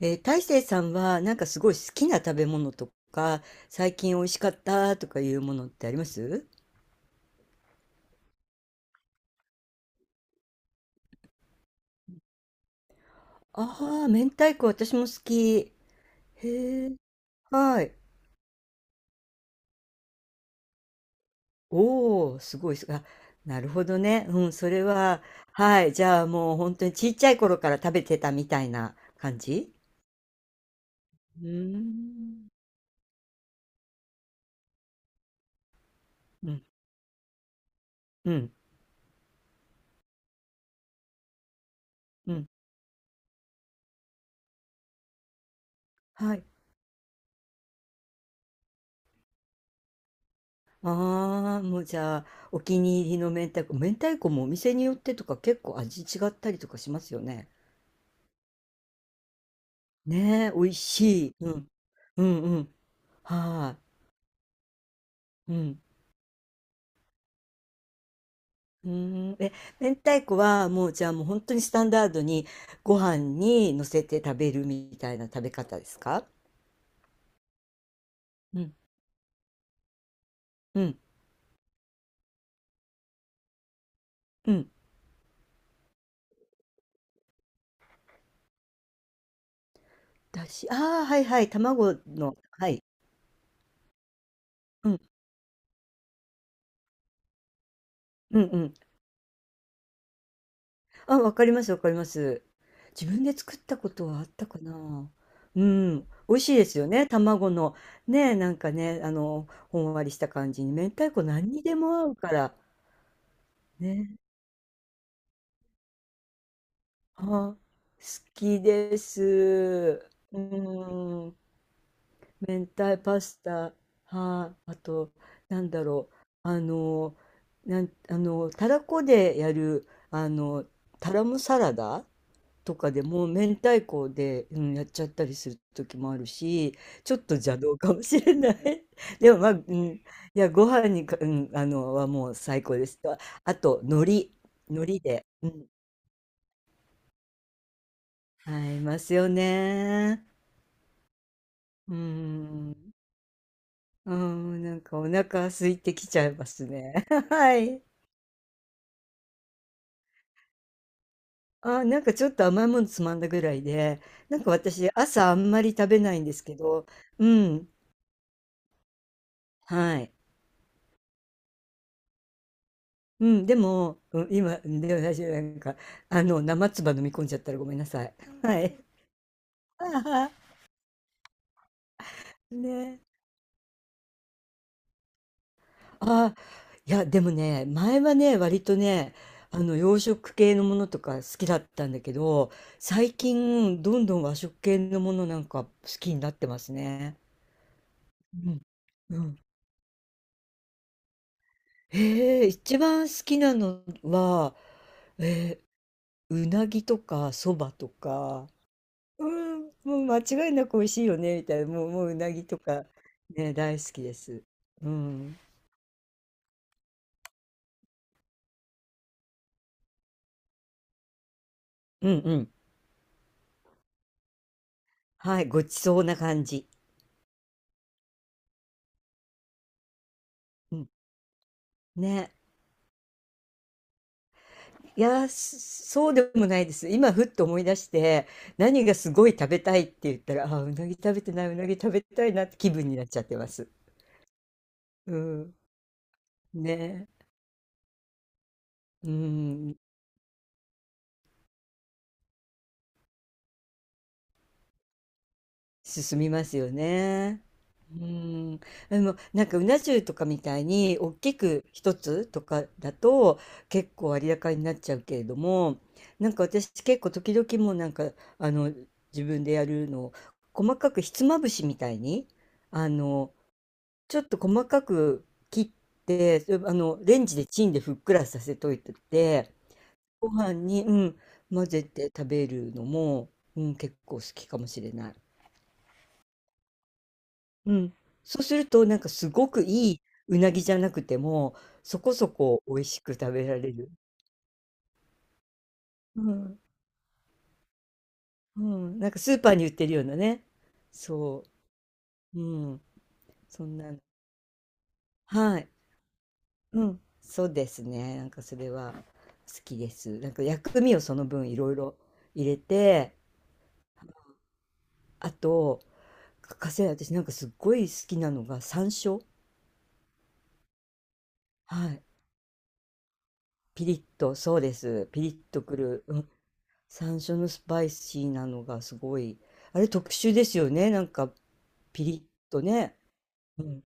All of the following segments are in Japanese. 大成さんはすごい好きな食べ物とか、最近美味しかったとかいうものってありますああ、ー、明太子私も好き。へえ、はい。おお、すごいす。あ、なるほどね。うん、それは、はい。じゃあもう本当にちっちゃい頃から食べてたみたいな感じ？うーん。うん、うん、うん。はい。ああ、もうじゃあ、お気に入りの明太子。明太子もお店によってとか結構味違ったりとかしますよね。ねえ、美味しい。うん。うんうん。はい。うん。うーん。え、明太子はもうじゃあもう本当にスタンダードにご飯に乗せて食べるみたいな食べ方ですか？うん。うん。うん。だし、ああ、はいはい。卵の。はい。うん。うんうん。あ、わかりますわかります。自分で作ったことはあったかな。うん。美味しいですよね、卵の。ねえ、ね、ほんわりした感じに。明太子何にでも合うから。ね、あ、好きです。うーん、明太パスタ。はい、あと、なんだろう。あの、あの、たらこでやる、タラムサラダとかでも、明太子で、うん、やっちゃったりする時もあるし、ちょっと邪道かもしれない。でも、まあ、うん、いや、ご飯にか、うん、あの、はもう最高です。あ、あと、海苔、海苔で、うん、合いますよね。うーん。うん、お腹空いてきちゃいますね。はい。あ、ちょっと甘いものつまんだぐらいで、私朝あんまり食べないんですけど、うん、はい。うん、でも、うん、今、でも私生唾飲み込んじゃったらごめんなさい。はい。ね。ああ、いや、でもね、前はね、割とね、洋食系のものとか好きだったんだけど、最近、どんどん和食系のものなんか好きになってますね。うん。うん。へえ、一番好きなのは、えうなぎとか、そばとか、うん、もう間違いなく美味しいよね、みたいな、もううなぎとか、ね、大好きです。うん。うんうん。はい、ごちそうな感じ。うん。ね。いや、ー、そうでもないです。今、ふっと思い出して、何がすごい食べたいって言ったら、ああ、うなぎ食べてない、うなぎ食べたいなって気分になっちゃってます。うん。ね。うん。進みますよね。うん。でも、なんか、うな重とかみたいに、大きく一つとかだと、結構割高になっちゃうけれども、なんか私、結構時々もうあの、自分でやるのを、細かくひつまぶしみたいに、あの、ちょっと細かく切って、それレンジでチンでふっくらさせといてて、ご飯に、うん、混ぜて食べるのも、うん、結構好きかもしれない。うん。そうすると、なんかすごくいいうなぎじゃなくても、そこそこ美味しく食べられる。うん。うん。なんかスーパーに売ってるようなね。そう。うん。そんなの。はい。うん、そうですね。なんかそれは好きです。なんか薬味をその分いろいろ入れて、あと、欠かせない私なんかすっごい好きなのが山椒。はい。ピリッと、そうです。ピリッとくる。うん、山椒のスパイシーなのがすごい。あれ特殊ですよね。なんかピリッとね。うん。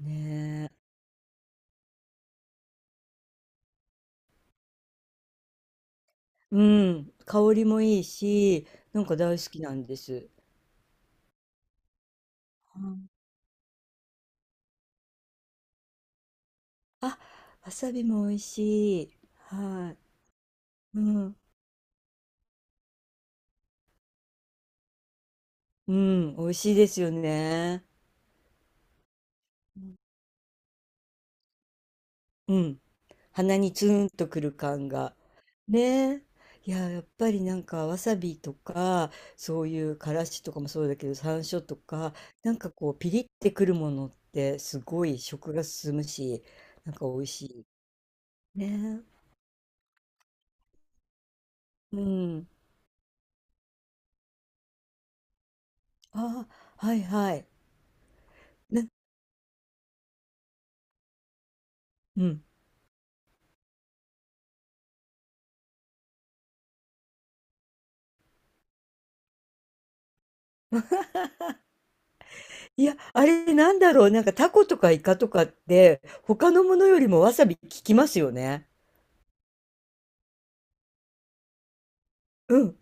ねえ。うん。香りもいいし、なんか大好きなんです。うん、あ、わさびも美味しい。はい。うん、うん、美味しいですよね。うん、鼻にツーンとくる感が。ねえ。いや、やっぱりなんかわさびとか、そういうからしとかもそうだけど、山椒とか、なんかこう、ピリってくるものってすごい食が進むし、なんか美味しい。ねえ。うん。ああ、はいはい。な、うん。いや、あれなんだろう、なんかタコとかイカとかって、他のものよりもわさび効きますよね。うん、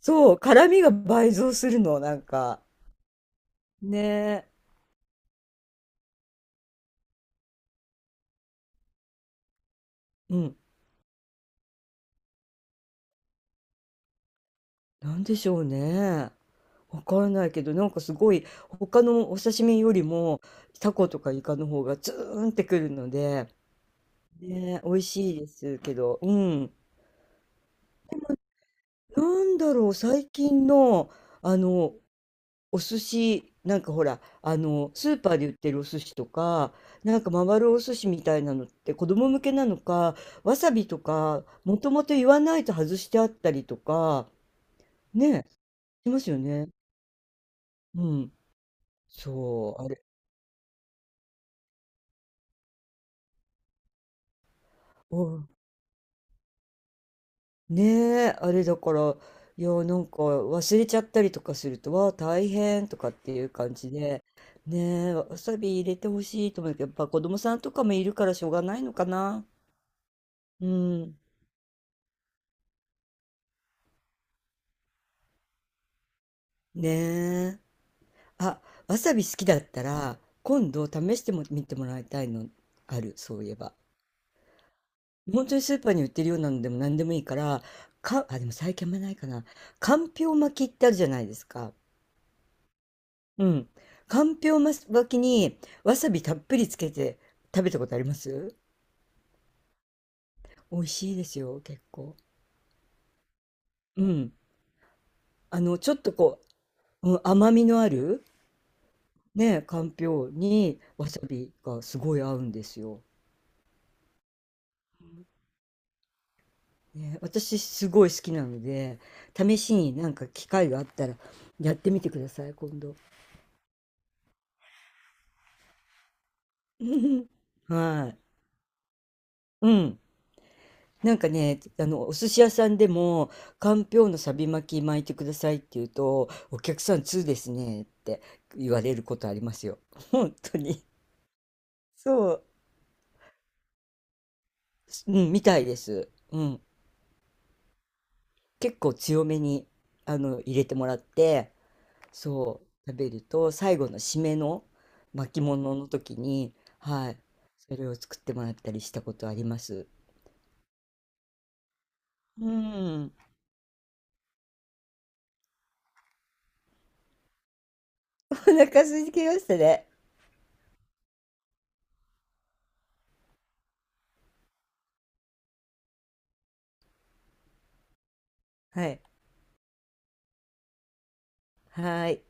そう、辛みが倍増するの、なんか。ねえ。うん。なんでしょうね。わからないけど、なんかすごい、他のお刺身よりも、タコとかイカの方がツーンってくるので、ねえ、美味しいですけど、うん。なんだろう、最近の、あの、お寿司、なんかほら、スーパーで売ってるお寿司とか、なんか回るお寿司みたいなのって子供向けなのか、わさびとか、もともと言わないと外してあったりとか、ねえ、しますよね。うん。そう、あれ。うん。ねえ、あれだから、いや、なんか忘れちゃったりとかすると、わあ、大変とかっていう感じで、ねえ、わさび入れてほしいと思うけど、やっぱ子供さんとかもいるからしょうがないのかな。うん。ねえ。あ、わさび好きだったら、今度試しても見てもらいたいのある、そういえば。本当にスーパーに売ってるようなのでも何でもいいから、か、あ、でも最近あんまないかな。かんぴょう巻きってあるじゃないですか。うん。かんぴょう巻きにわさびたっぷりつけて食べたことあります？美味しいですよ、結構。うん。ちょっとこう、うん、甘みのある、ね、かんぴょうにわさびがすごい合うんですよ。ね、私すごい好きなので、試しになんか機会があったらやってみてください、今度。はい。うん。なんかね、お寿司屋さんでも、かんぴょうのサビ巻き巻いてくださいって言うと、お客さん通ですねって言われることありますよ。本当に。そう。うん、みたいです。うん。結構強めに、入れてもらって、そう、食べると、最後の締めの巻物の時に、はい、それを作ってもらったりしたことあります。うん。お腹空いてきましたね。はい。はーい。